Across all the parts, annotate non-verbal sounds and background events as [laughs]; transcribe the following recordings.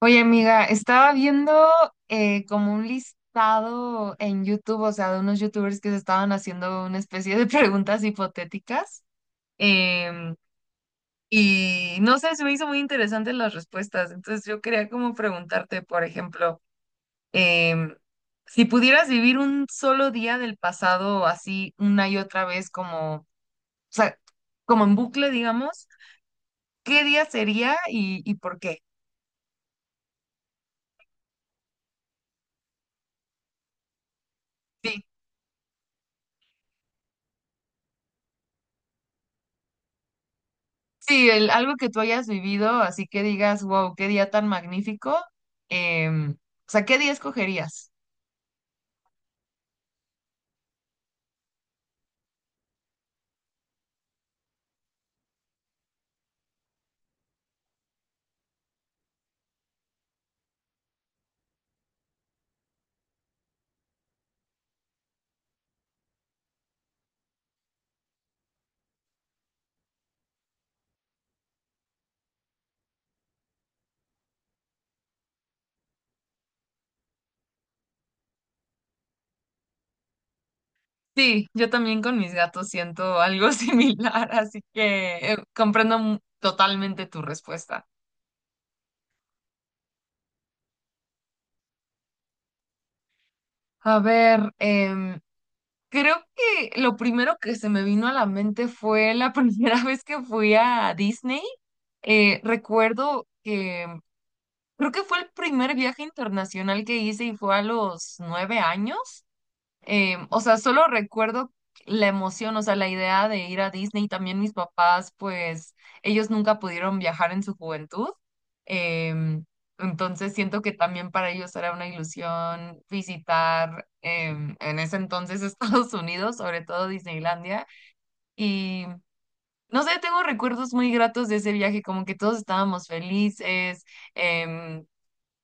Oye, amiga, estaba viendo como un listado en YouTube, o sea, de unos YouTubers que se estaban haciendo una especie de [laughs] preguntas hipotéticas. em, y no sé, se me hizo muy interesante las respuestas. Entonces yo quería como preguntarte, por ejemplo, em, si pudieras vivir un solo día del pasado así una y otra vez, como, o sea, como en bucle, digamos, ¿qué día sería y por qué? Sí. Sí, algo que tú hayas vivido, así que digas, wow, qué día tan magnífico. O sea, ¿qué día escogerías? Sí, yo también con mis gatos siento algo [laughs] similar, así que comprendo totalmente tu respuesta. A ver, creo que lo primero que se me vino a la mente fue la [laughs] primera vez que fui a Disney. Recuerdo que creo que fue el primer viaje internacional que hice y fue a los 9 años. O sea, solo recuerdo la emoción, o sea, la idea de ir a Disney. También mis papás, pues, ellos nunca pudieron viajar en su juventud. Em, entonces siento que también para ellos era una ilusión visitar en ese entonces [laughs] Estados Unidos, sobre todo Disneylandia. Y no sé, tengo recuerdos muy gratos de ese viaje, como que todos estábamos felices. em,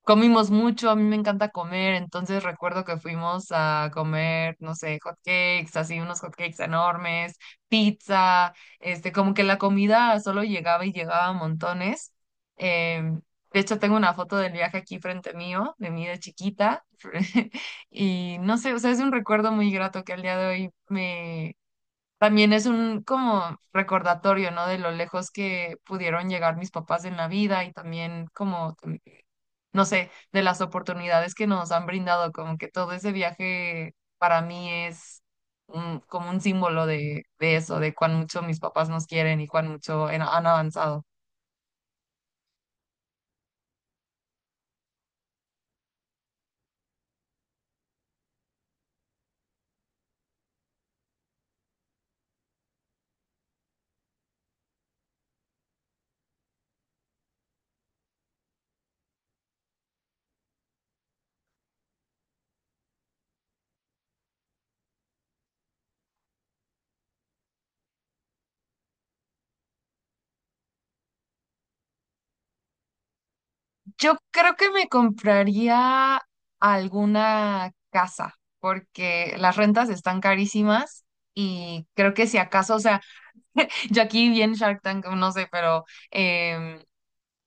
Comimos mucho, a mí me encanta comer, entonces recuerdo que fuimos a comer, no sé, hot cakes, así unos hot cakes enormes, pizza, este, como que la comida solo llegaba y llegaba a montones. Em, de hecho, tengo una foto del viaje aquí frente mío, de mí de chiquita, [laughs] y no sé, o sea, es un recuerdo muy grato que al día de hoy me... También es un como recordatorio, ¿no? De lo lejos que pudieron llegar mis papás en la vida y también como no sé, de las oportunidades que nos han brindado, como que todo ese viaje para mí es un- como un símbolo de eso, de cuán mucho mis papás nos quieren y cuán mucho en- han avanzado. Yo creo que me compraría alguna casa, porque las rentas están carísimas y creo que si acaso, o sea, [laughs] yo aquí vi en Shark Tank, no sé, pero em,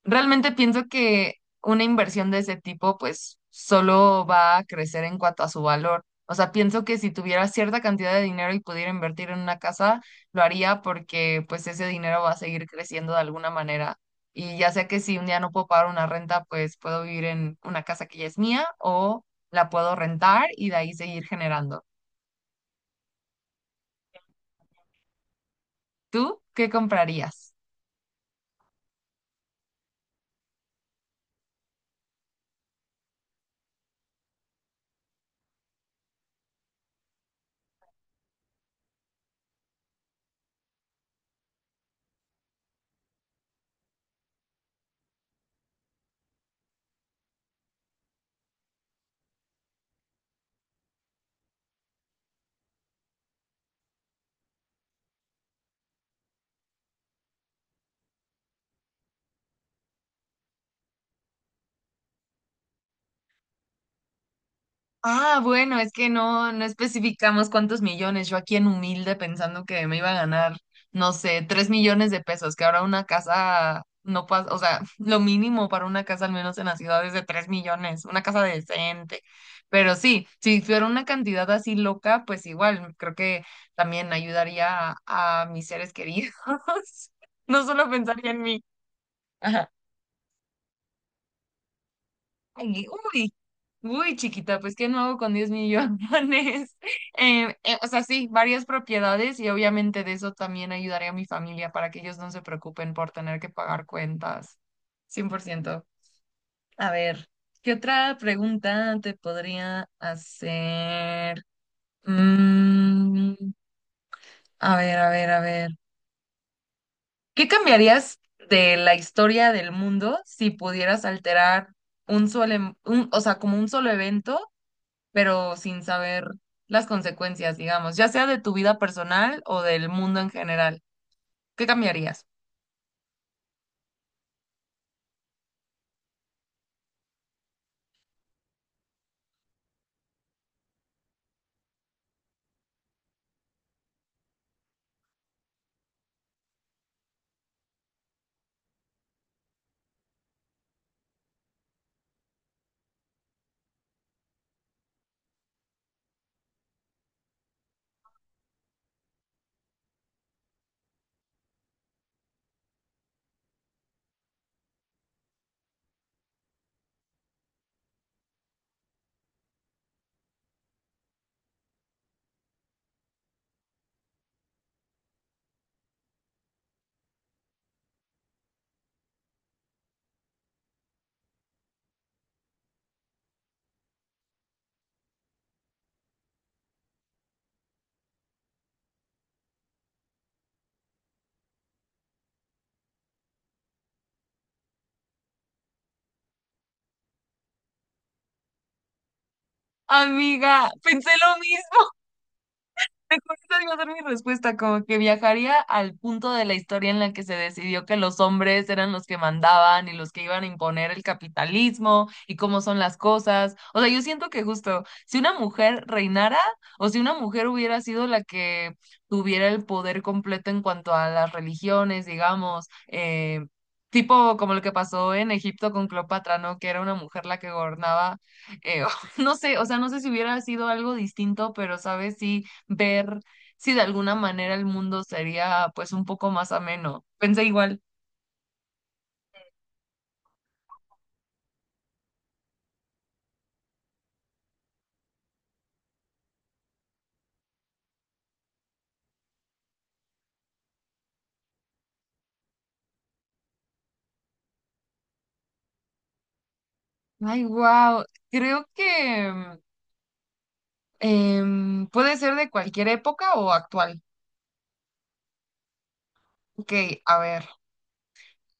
realmente pienso que una inversión de ese tipo, pues, solo va a crecer en cuanto a su valor. O sea, pienso que si tuviera cierta cantidad de dinero y pudiera invertir en una casa, lo haría porque, pues, ese dinero va a seguir creciendo de alguna manera. Y ya sea que si un día no puedo pagar una renta, pues puedo vivir en una casa que ya es mía o la puedo rentar y de ahí seguir generando. ¿Tú qué comprarías? Ah, bueno, es que no especificamos cuántos millones. Yo aquí en humilde pensando que me iba a ganar, no sé, 3 millones de pesos, que ahora una casa no pasa, o sea, [laughs] lo mínimo para una casa, al menos en la ciudad, es de 3 millones, una casa decente. Pero sí, si fuera una cantidad así loca, pues igual, creo que también ayudaría a mis seres queridos. [laughs] No solo pensaría en mí. Ajá. Ay, uy, uy, chiquita, pues ¿qué no hago con 10 millones? [laughs] O sea, sí, varias propiedades y obviamente de eso también ayudaré a mi familia para que ellos no se preocupen por tener que pagar cuentas. 100%. A ver, ¿qué otra pregunta te podría hacer? Mm, a ver, a ver, a ver. ¿Qué cambiarías de la historia del mundo si pudieras alterar un solo, o sea, como un solo evento? Pero sin saber las consecuencias, digamos, ya sea de tu vida personal o del mundo en general. ¿Qué cambiaría? Amiga, pensé lo mismo. Mejor esa iba a ser mi respuesta, como que viajaría al punto de la historia en la que se decidió que los hombres eran los que mandaban y los que iban a imponer el capitalismo y cómo son las cosas. O sea, yo siento que justo si una mujer reinara o si una mujer hubiera sido la que tuviera el poder completo en cuanto a las religiones, digamos, tipo como lo que pasó en Egipto con Cleopatra, ¿no? Que era una mujer la que gobernaba. eh, [laughs] no sé, o sea, no sé si hubiera sido algo distinto, pero, ¿sabes? Sí ver si de alguna manera el mundo sería pues un poco más ameno. Pensé igual. Ay, wow. Creo que puede ser de cualquier época o actual. Ok, a ver.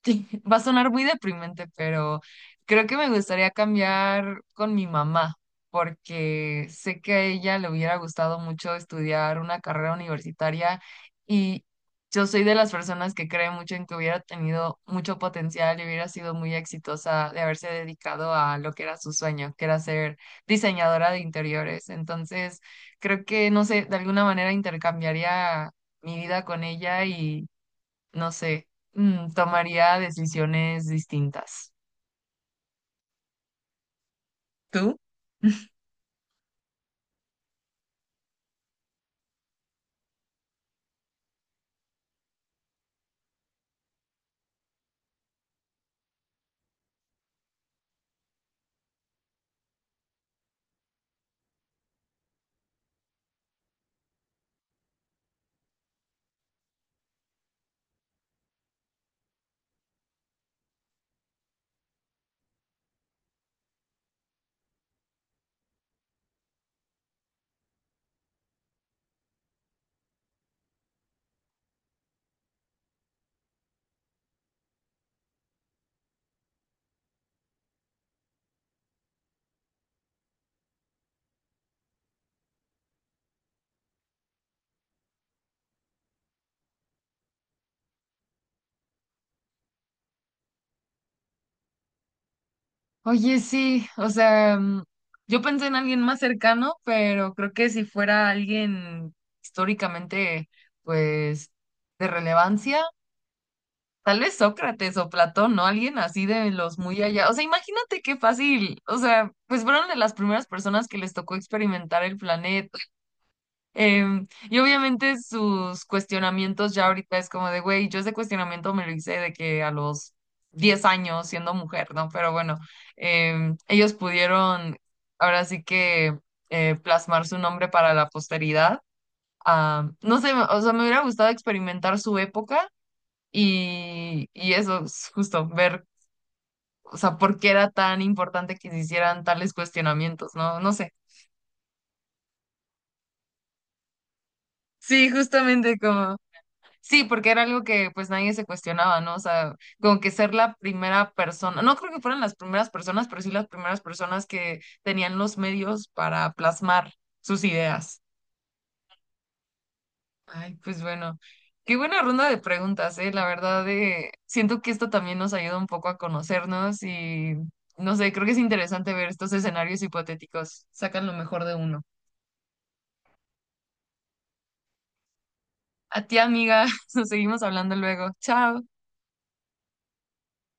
[laughs] Va a sonar muy deprimente, pero creo que me gustaría cambiar con mi mamá, porque sé que a ella le hubiera gustado mucho estudiar una carrera universitaria y yo soy de las personas que cree mucho en que hubiera tenido mucho potencial y hubiera sido muy exitosa de haberse dedicado a lo que era su sueño, que era ser diseñadora de interiores. Entonces, creo que, no sé, de alguna manera intercambiaría mi vida con ella no sé, tomaría decisiones distintas. ¿Tú? [laughs] Oye, sí, o sea, mm, yo pensé en alguien más cercano, pero creo que si fuera alguien históricamente, pues, de relevancia, tal vez Sócrates o Platón, ¿no? Alguien así de los muy allá. O sea, imagínate qué fácil. O sea, pues fueron de las primeras personas que les tocó experimentar el planeta. Y obviamente sus cuestionamientos ya ahorita es como de, güey, yo ese cuestionamiento me lo hice de que a los 10 años siendo mujer, ¿no? Pero bueno, ellos pudieron ahora sí que plasmar su nombre para la posteridad. Ah, no sé, o sea, me hubiera gustado experimentar su época y eso, es justo ver, o sea, por qué era tan importante que se hicieran tales cuestionamientos, ¿no? No sé. Sí, justamente como... Sí, porque era algo que pues nadie se cuestionaba, ¿no? O sea, como que ser la primera persona, no creo que fueran las primeras personas, pero sí las primeras personas que tenían los medios para plasmar sus ideas. Ay, pues bueno, qué buena ronda de preguntas, ¿eh? La verdad, siento que esto también nos ayuda un poco a conocernos y, no sé, creo que es interesante ver estos escenarios hipotéticos, sacan lo mejor de uno. A ti, amiga, [laughs] nos seguimos hablando luego. Chao.